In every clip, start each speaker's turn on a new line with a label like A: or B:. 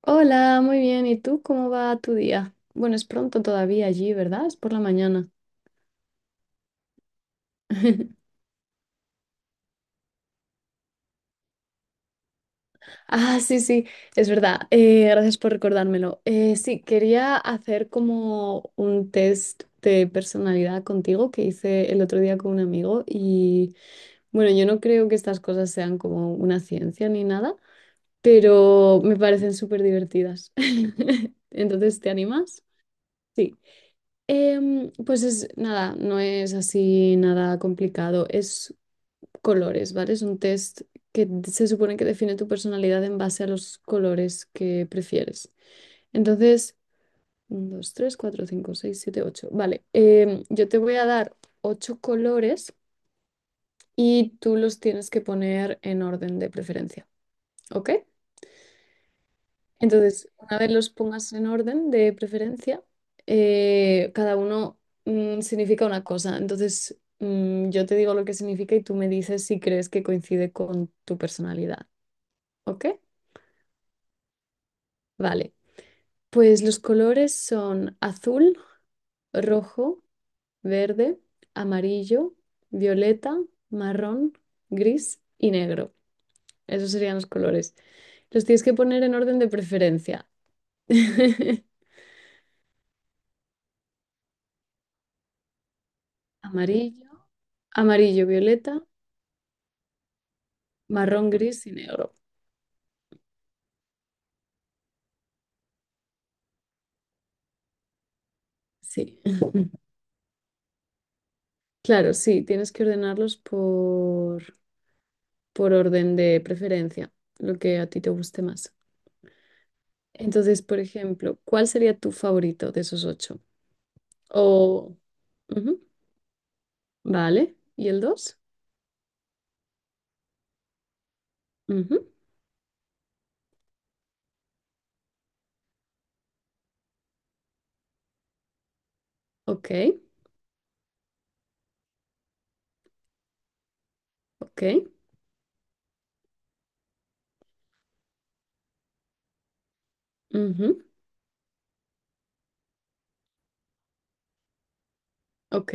A: Hola, muy bien. ¿Y tú cómo va tu día? Bueno, es pronto todavía allí, ¿verdad? Es por la mañana. Ah, sí, sí, es verdad. Gracias por recordármelo. Sí, quería hacer como un test de personalidad contigo que hice el otro día con un amigo y bueno, yo no creo que estas cosas sean como una ciencia ni nada, pero me parecen súper divertidas. Entonces, ¿te animas? Sí. Pues es nada, no es así nada complicado, es colores, ¿vale? Es un test que se supone que define tu personalidad en base a los colores que prefieres. Entonces, 1, 2, 3, 4, 5, 6, 7, 8. Vale, yo te voy a dar ocho colores y tú los tienes que poner en orden de preferencia, ¿ok? Entonces, una vez los pongas en orden de preferencia, cada uno significa una cosa. Entonces, yo te digo lo que significa y tú me dices si crees que coincide con tu personalidad. ¿Ok? Vale. Pues los colores son azul, rojo, verde, amarillo, violeta, marrón, gris y negro. Esos serían los colores. Los tienes que poner en orden de preferencia. Amarillo, amarillo, violeta. Marrón, gris y negro. Sí. Claro, sí, tienes que ordenarlos por orden de preferencia, lo que a ti te guste más. Entonces, por ejemplo, ¿cuál sería tu favorito de esos ocho? O... Ujú. Vale. ¿Y el dos? Ujú. Ok, ok, ujú, ok.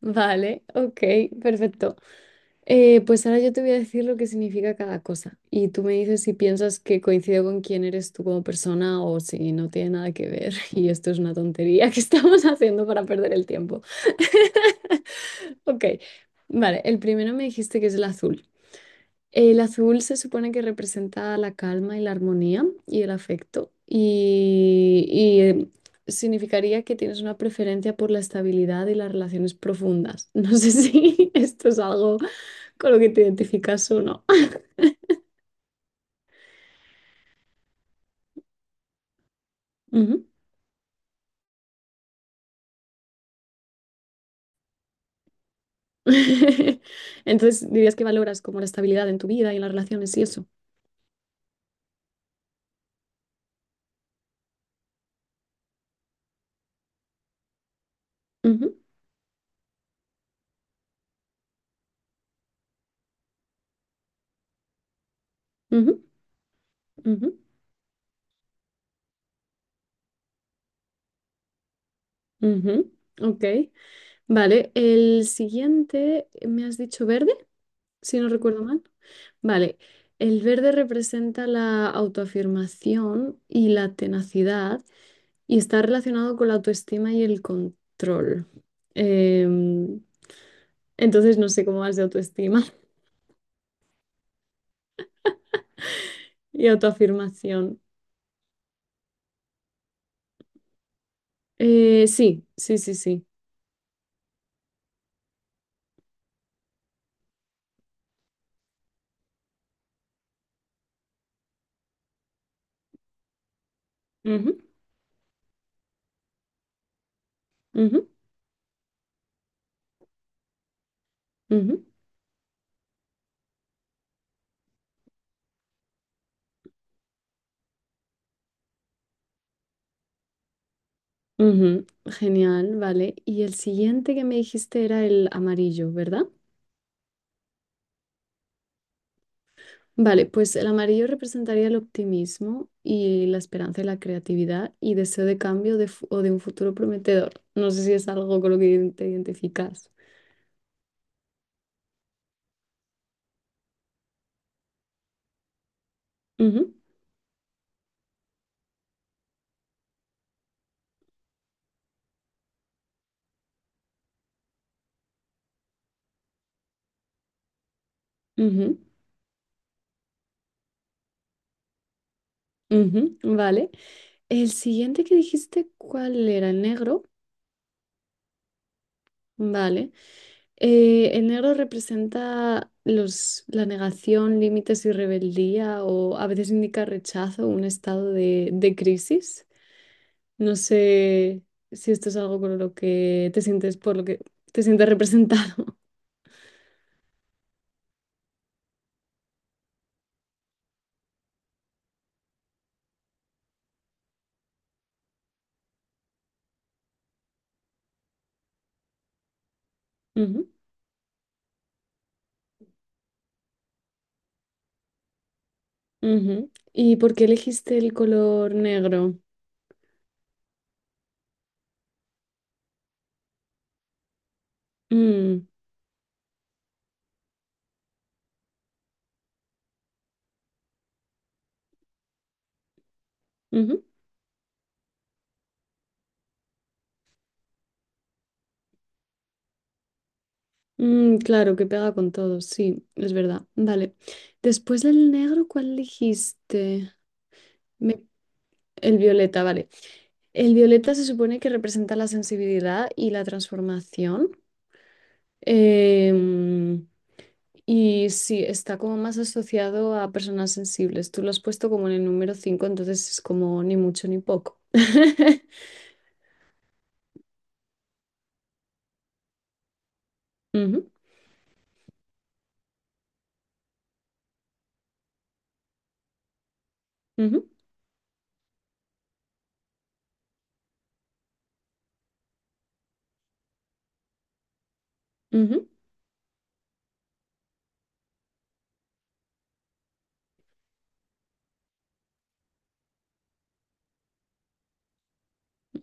A: Vale, ok, perfecto. Pues ahora yo te voy a decir lo que significa cada cosa y tú me dices si piensas que coincido con quién eres tú como persona o si no tiene nada que ver y esto es una tontería que estamos haciendo para perder el tiempo. Ok, vale, el primero me dijiste que es el azul. El azul se supone que representa la calma y la armonía y el afecto y significaría que tienes una preferencia por la estabilidad y las relaciones profundas. No sé si esto es algo con lo que te identificas o no. Ujú. Entonces dirías que valoras como la estabilidad en tu vida y en las relaciones y eso. Ujú, ujú, ujú, ujú. Ok, vale. El siguiente, me has dicho verde, si no recuerdo mal. Vale, el verde representa la autoafirmación y la tenacidad y está relacionado con la autoestima y el control. Em, entonces no sé cómo vas de autoestima y autoafirmación. Sí, sí, sí, sí. Ujú, ujú, ujú, ujú. Genial, vale. Y el siguiente que me dijiste era el amarillo, ¿verdad? Vale, pues el amarillo representaría el optimismo y la esperanza y la creatividad y deseo de cambio o de un futuro prometedor. No sé si es algo con lo que te identificas. Ujú, ujú, ujú, vale. El siguiente que dijiste, ¿cuál era? El negro. Vale. El negro representa la negación, límites y rebeldía o a veces indica rechazo, un estado de crisis. No sé si esto es algo con lo que te sientes, por lo que te sientes representado. Ujú, ujú. ¿Y por qué elegiste el color negro? Mm, ujú. Claro, que pega con todo, sí, es verdad. Vale. Después del negro, ¿cuál elegiste? Me- El violeta, vale. El violeta se supone que representa la sensibilidad y la transformación. Em, Y sí, está como más asociado a personas sensibles. Tú lo has puesto como en el número 5 entonces es como ni mucho ni poco. Ujú, ujú, ujú.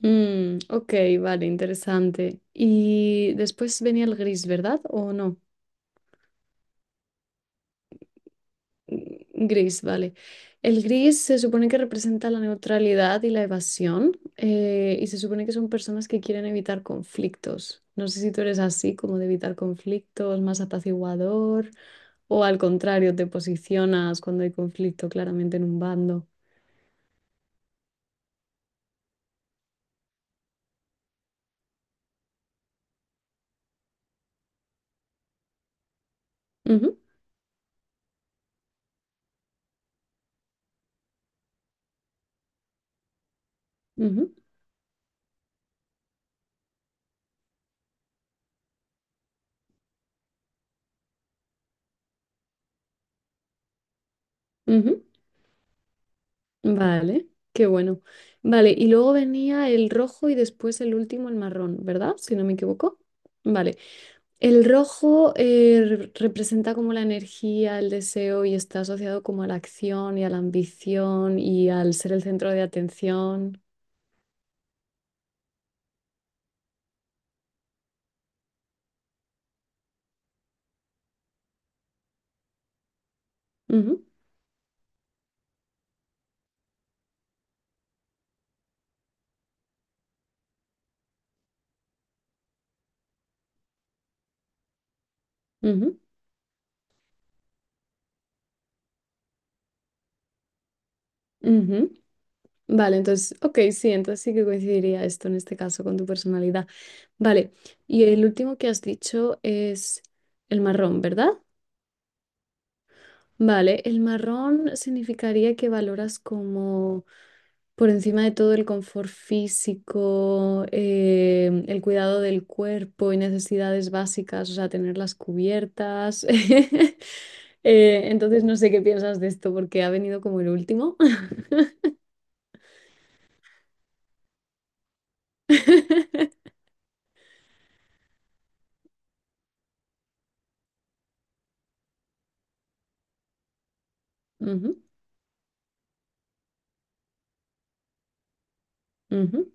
A: Ok, vale, interesante. Y después venía el gris, ¿verdad? ¿O no? Gris, vale. El gris se supone que representa la neutralidad y la evasión, y se supone que son personas que quieren evitar conflictos. No sé si tú eres así, como de evitar conflictos, más apaciguador, o al contrario, te posicionas cuando hay conflicto claramente en un bando. Ujú, ujú, ujú. Vale, qué bueno. Vale, y luego venía el rojo y después el último, el marrón, ¿verdad? Si no me equivoco. Vale, el rojo representa como la energía, el deseo y está asociado como a la acción y a la ambición y al ser el centro de atención. Ujú, ujú, ujú. Vale, entonces, ok, sí, entonces sí que coincidiría esto en este caso con tu personalidad. Vale, y el último que has dicho es el marrón, ¿verdad? Vale, el marrón significaría que valoras como por encima de todo el confort físico, el cuidado del cuerpo y necesidades básicas, o sea, tenerlas cubiertas. Entonces no sé qué piensas de esto porque ha venido como el último. Ujú, ujú,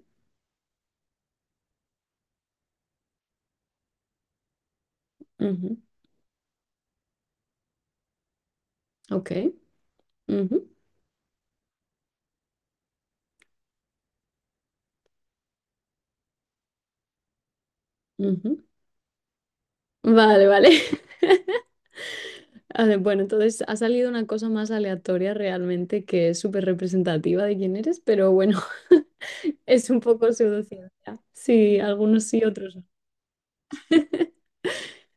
A: ujú. Ok. Ujú, ujú. Vale, vale. A ver, bueno, entonces ha salido una cosa más aleatoria realmente que es súper representativa de quién eres, pero bueno, es un poco pseudociencia. Sí, algunos sí, otros no.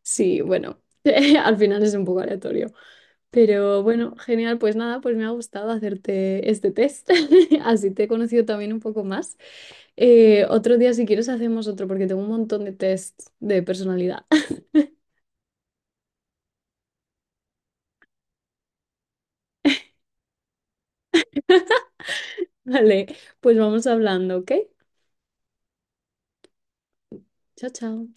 A: Sí, bueno, al final es un poco aleatorio. Pero bueno, genial, pues nada, pues me ha gustado hacerte este test. Así te he conocido también un poco más. Otro día, si quieres, hacemos otro porque tengo un montón de tests de personalidad. Vale, pues vamos hablando, ¿ok? Chao, chao.